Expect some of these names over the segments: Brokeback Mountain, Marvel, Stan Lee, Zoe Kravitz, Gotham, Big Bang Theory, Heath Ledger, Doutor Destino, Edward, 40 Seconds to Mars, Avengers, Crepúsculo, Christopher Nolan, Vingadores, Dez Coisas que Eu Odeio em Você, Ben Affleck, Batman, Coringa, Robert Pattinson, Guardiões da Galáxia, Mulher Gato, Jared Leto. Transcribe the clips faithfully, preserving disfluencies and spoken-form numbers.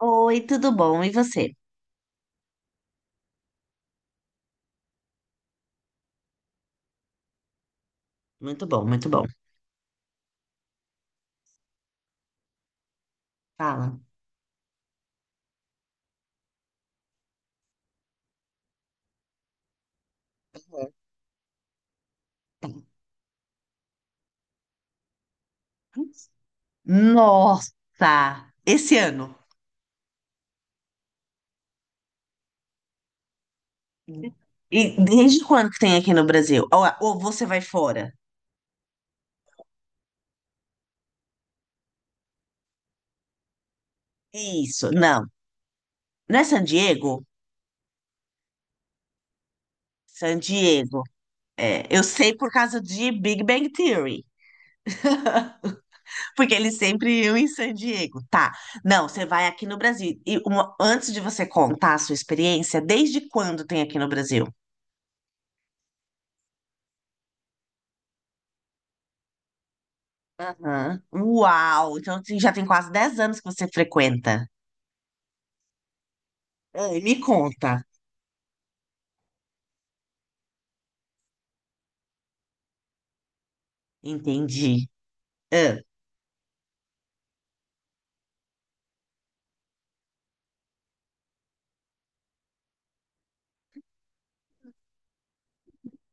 Oi, tudo bom? E você? Muito bom, muito bom. Fala. Aham. Nossa, esse ano! E desde quando que tem aqui no Brasil? Ou, ou você vai fora? Isso, não. Não é San Diego? San Diego. É, eu sei por causa de Big Bang Theory, porque eles sempre iam em San Diego. Tá. Não, você vai aqui no Brasil. E uma- antes de você contar a sua experiência, desde quando tem aqui no Brasil? Aham. Uau! Então assim, já tem quase dez anos que você frequenta. Ai, me conta. Entendi. Ah,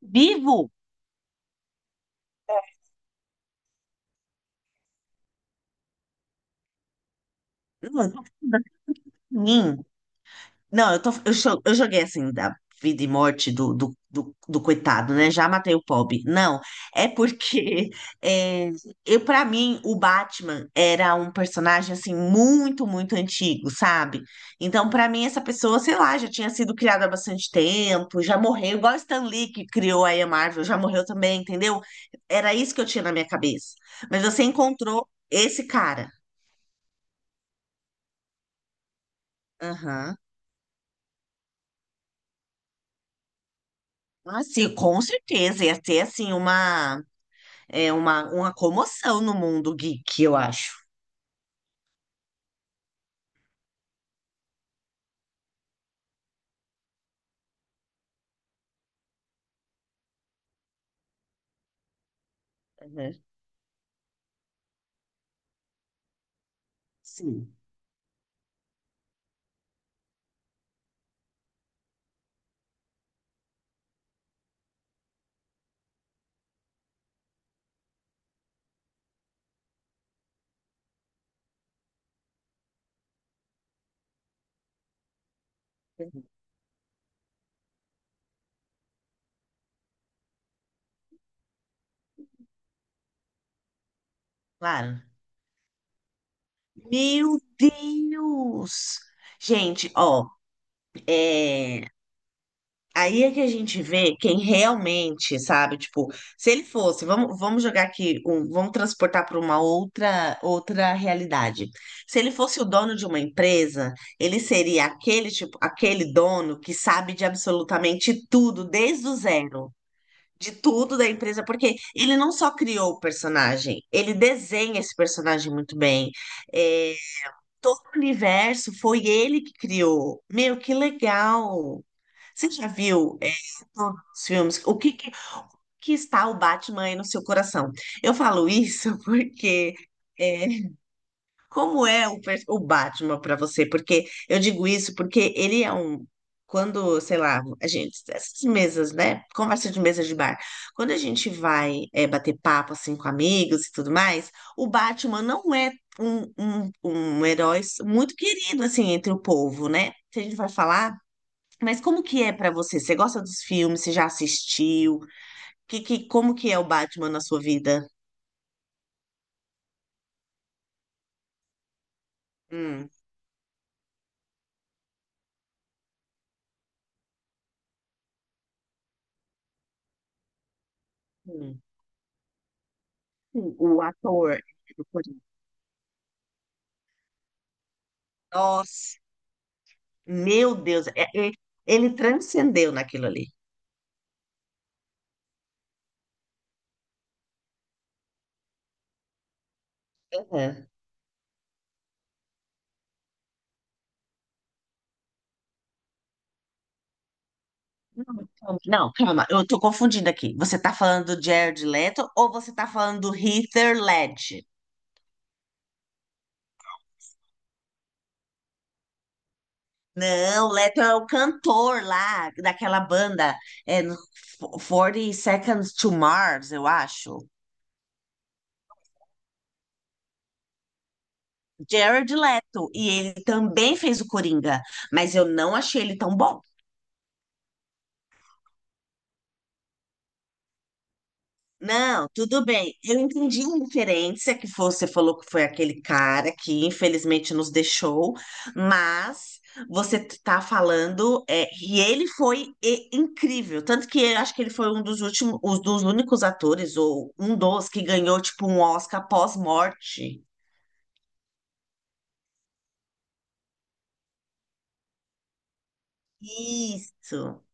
vivo? Hum, Não, eu, tô, eu, cho- eu joguei assim, da vida e morte do, do, do, do coitado, né? Já matei o pobre. Não, é porque é, eu, para mim, o Batman era um personagem, assim, muito, muito antigo, sabe? Então, para mim, essa pessoa, sei lá, já tinha sido criada há bastante tempo, já morreu, igual o Stan Lee, que criou aí a Marvel, já morreu também, entendeu? Era isso que eu tinha na minha cabeça. Mas você encontrou esse cara. Aham. Ah, sim, com certeza. Ia ter, assim, uma. É uma, uma comoção no mundo geek, eu acho. Uhum. Sim, uhum, claro. Meu Deus! Gente, ó, é... aí é que a gente vê quem realmente, sabe? Tipo, se ele fosse, vamos, vamos jogar aqui, um- vamos transportar para uma outra, outra realidade. Se ele fosse o dono de uma empresa, ele seria aquele tipo, aquele dono que sabe de absolutamente tudo desde o zero. De tudo da empresa, porque ele não só criou o personagem, ele desenha esse personagem muito bem. É, todo o universo foi ele que criou. Meu, que legal! Você já viu, é, todos os filmes? O que, que, que está o Batman aí no seu coração? Eu falo isso porque. É, como é o, pers- o Batman para você? Porque eu digo isso porque ele é um. Quando, sei lá, a gente, essas mesas, né? Conversa de mesa de bar. Quando a gente vai é, bater papo assim com amigos e tudo mais, o Batman não é um, um, um herói muito querido assim entre o povo, né? Se a gente vai falar, mas como que é para você? Você gosta dos filmes? Você já assistiu? Que, que, como que é o Batman na sua vida? Hum, hum. O o ator. Do Nossa. Meu Deus, é- é- ele transcendeu naquilo ali. Uhum. Não, calma, eu tô confundindo aqui. Você tá falando do Jared Leto ou você tá falando do Heath Ledger? Não, o Leto é o cantor lá daquela banda, é, no quarenta Seconds to Mars, eu acho. Jared Leto, e ele também fez o Coringa, mas eu não achei ele tão bom. Não, tudo bem. Eu entendi a referência que você falou que foi aquele cara que infelizmente nos deixou, mas você tá falando, é, e ele foi e- incrível. Tanto que eu acho que ele foi um dos últimos, um dos únicos atores, ou um dos que ganhou, tipo, um Oscar pós-morte. Isso.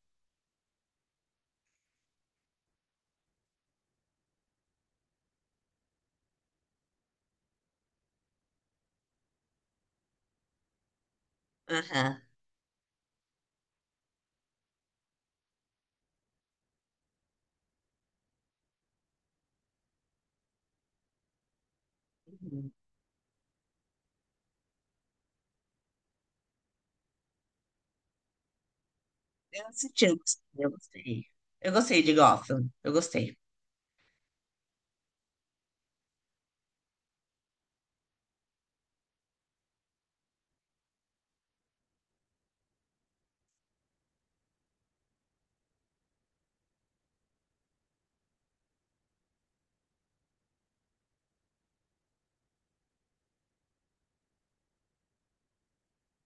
Aham. Eu assisti, eu gostei. Eu gostei. Eu gostei de Gotham. Eu gostei.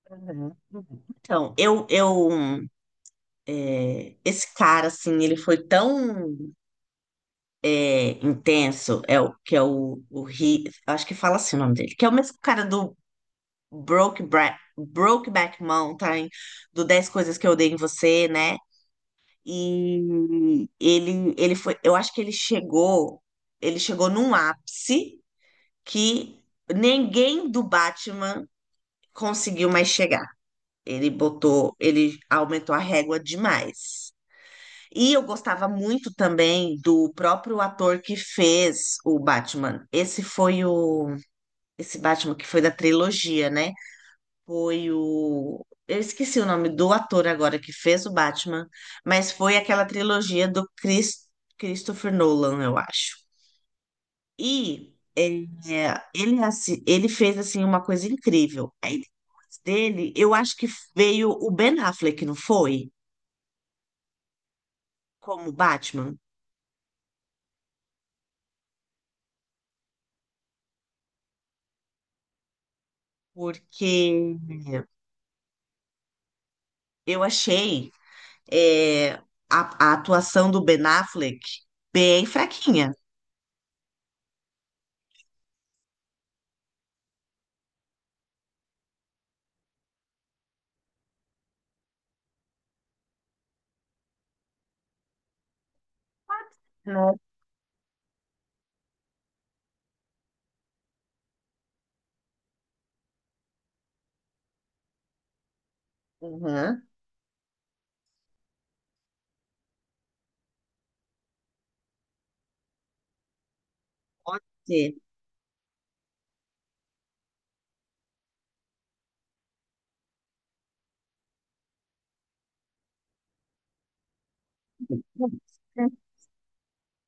Uhum, uhum. Então, eu, eu é, esse cara, assim, ele foi tão é, intenso, é o que é o, o Ri, acho que fala assim o nome dele, que é o mesmo cara do Broke Bra- Brokeback Mountain, do dez Coisas que Eu Odeio em Você, né? E ele, ele foi, eu acho que ele chegou, ele chegou num ápice que ninguém do Batman conseguiu mais chegar. Ele botou, ele aumentou a régua demais. E eu gostava muito também do próprio ator que fez o Batman. Esse foi o. Esse Batman que foi da trilogia, né? Foi o. Eu esqueci o nome do ator agora que fez o Batman, mas foi aquela trilogia do Chris... Christopher Nolan, eu acho. E é, ele, é assi- ele fez assim uma coisa incrível. Aí depois dele, eu acho que veio o Ben Affleck, não foi? Como Batman, porque eu achei é, a, a atuação do Ben Affleck bem fraquinha. Não. Uhum. Pode ser.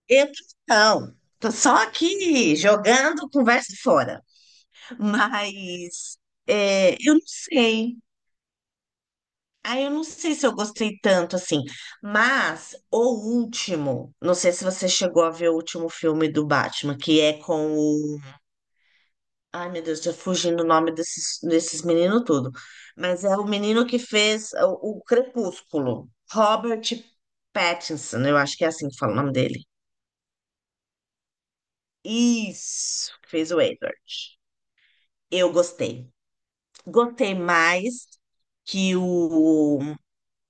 Eu não. Tô só aqui jogando conversa fora. Mas é, eu não sei. Ah, eu não sei se eu gostei tanto assim. Mas o último, não sei se você chegou a ver o último filme do Batman, que é com Ai, meu Deus, tô fugindo o nome desses, desses meninos tudo. Mas é o menino que fez o, o Crepúsculo. Robert Pattinson, eu acho que é assim que fala o nome dele. Isso, que fez o Edward. Eu gostei. Gostei mais que o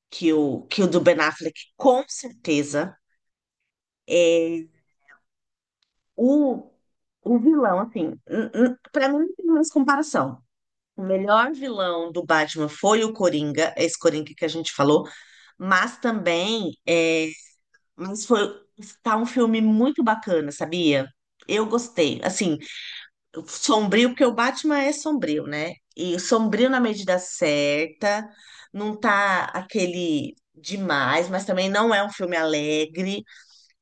que o, que o do Ben Affleck, com certeza. É, o, o vilão, assim, n- n- pra mim não tem mais comparação. O melhor vilão do Batman foi o Coringa, esse Coringa que a gente falou. Mas também, é, mas foi tá um filme muito bacana, sabia? Eu gostei. Assim, sombrio, porque o Batman é sombrio, né? E sombrio na medida certa, não tá aquele demais, mas também não é um filme alegre.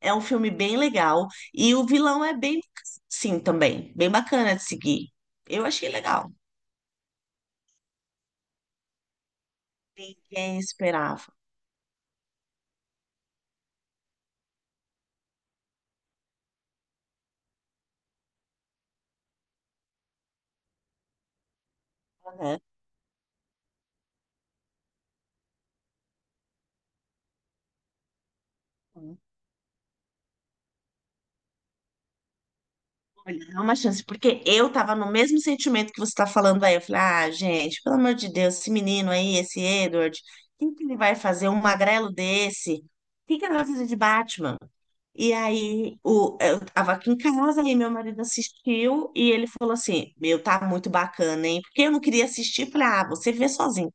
É um filme bem legal. E o vilão é bem, sim, também, bem bacana de seguir. Eu achei legal. Ninguém esperava, né? Olha, dá uma chance, porque eu tava no mesmo sentimento que você tá falando aí. Eu falei, ah, gente, pelo amor de Deus, esse menino aí, esse Edward, o que ele vai fazer? Um magrelo desse? O que que ele vai fazer de Batman? E aí, o, eu tava aqui em casa e meu marido assistiu e ele falou assim: Meu, tá muito bacana, hein? Porque eu não queria assistir, eu falei, ah, você vê sozinho.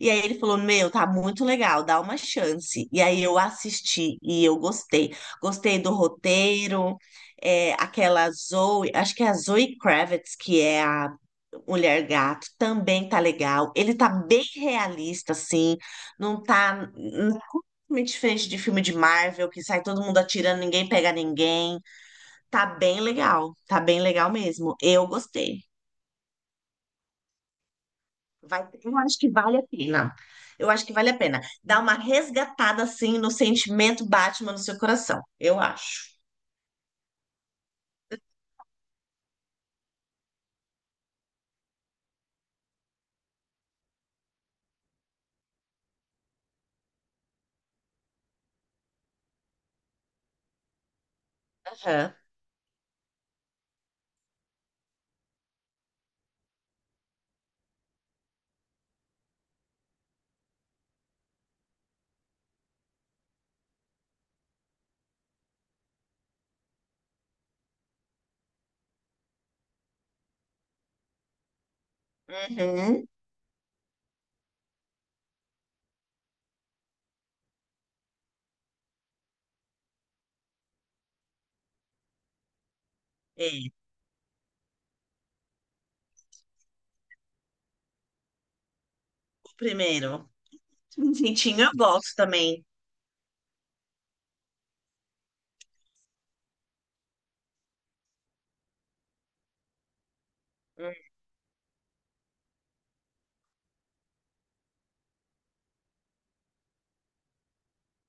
E aí ele falou: Meu, tá muito legal, dá uma chance. E aí eu assisti e eu gostei. Gostei do roteiro, é, aquela Zoe, acho que é a Zoe Kravitz, que é a Mulher Gato, também tá legal. Ele tá bem realista, assim, não tá hum, muito diferente de filme de Marvel, que sai todo mundo atirando, ninguém pega ninguém. Tá bem legal, tá bem legal mesmo. Eu gostei. Vai, eu acho que vale a pena. Eu acho que vale a pena. Dá uma resgatada assim no sentimento Batman no seu coração. Eu acho. Aham. Uhum. É, o primeiro. Quentinho eu gosto também.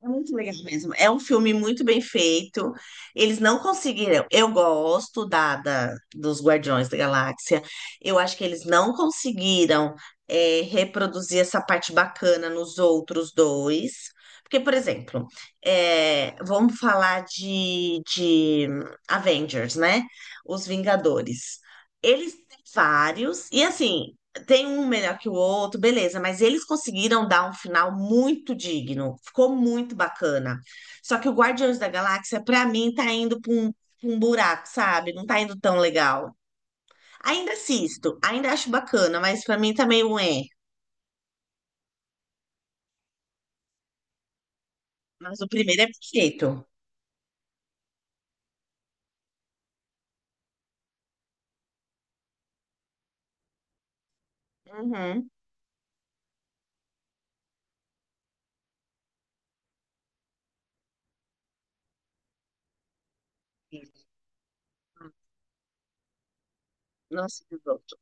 É muito legal mesmo. É um filme muito bem feito. Eles não conseguiram. Eu gosto da, da- dos Guardiões da Galáxia. Eu acho que eles não conseguiram é, reproduzir essa parte bacana nos outros dois. Porque, por exemplo, é, vamos falar de, de Avengers, né? Os Vingadores. Eles têm vários, e assim, tem um melhor que o outro, beleza, mas eles conseguiram dar um final muito digno, ficou muito bacana. Só que o Guardiões da Galáxia, pra mim, tá indo pra um, pra um buraco, sabe? Não tá indo tão legal. Ainda assisto, ainda acho bacana, mas pra mim tá meio é. Mas o primeiro é perfeito. Uhum. Não sei outro.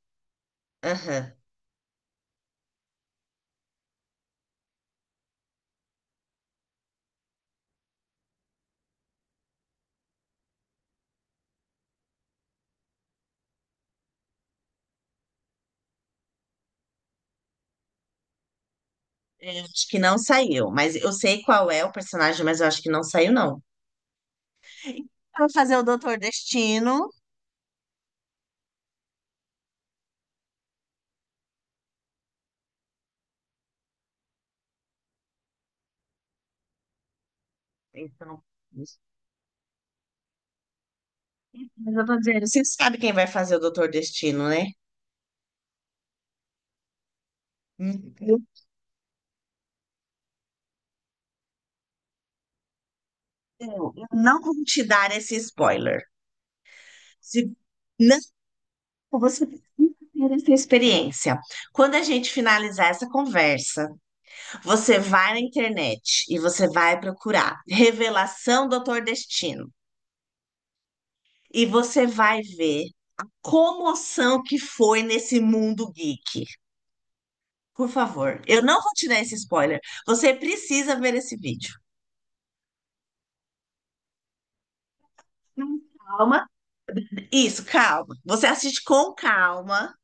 Aham. Eu acho que não saiu, mas eu sei qual é o personagem, mas eu acho que não saiu, não. Pra fazer o Doutor Destino. Então, mas eu tô dizendo, você sabe quem vai fazer o Doutor Destino, né? Hum, Eu, eu eu não vou te dar esse spoiler. Se, não, você precisa ter essa experiência. Quando a gente finalizar essa conversa, você vai na internet e você vai procurar Revelação Doutor Destino. E você vai ver comoção que foi nesse mundo geek. Por favor, eu não vou te dar esse spoiler. Você precisa ver esse vídeo. Calma. Isso, calma. Você assiste com calma.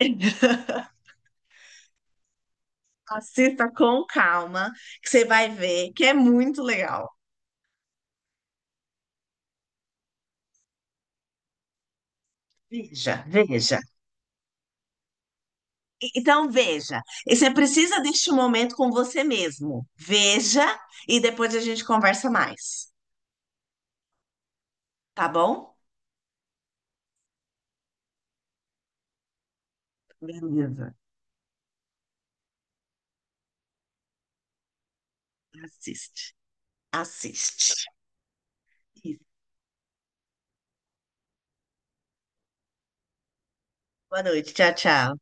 Assista com calma, que você vai ver que é muito legal. Veja, veja. E- então, veja. E você precisa deste momento com você mesmo. Veja e depois a gente conversa mais. Tá bom? Beleza. Assiste. Assiste. Isso. Boa noite. Tchau, tchau.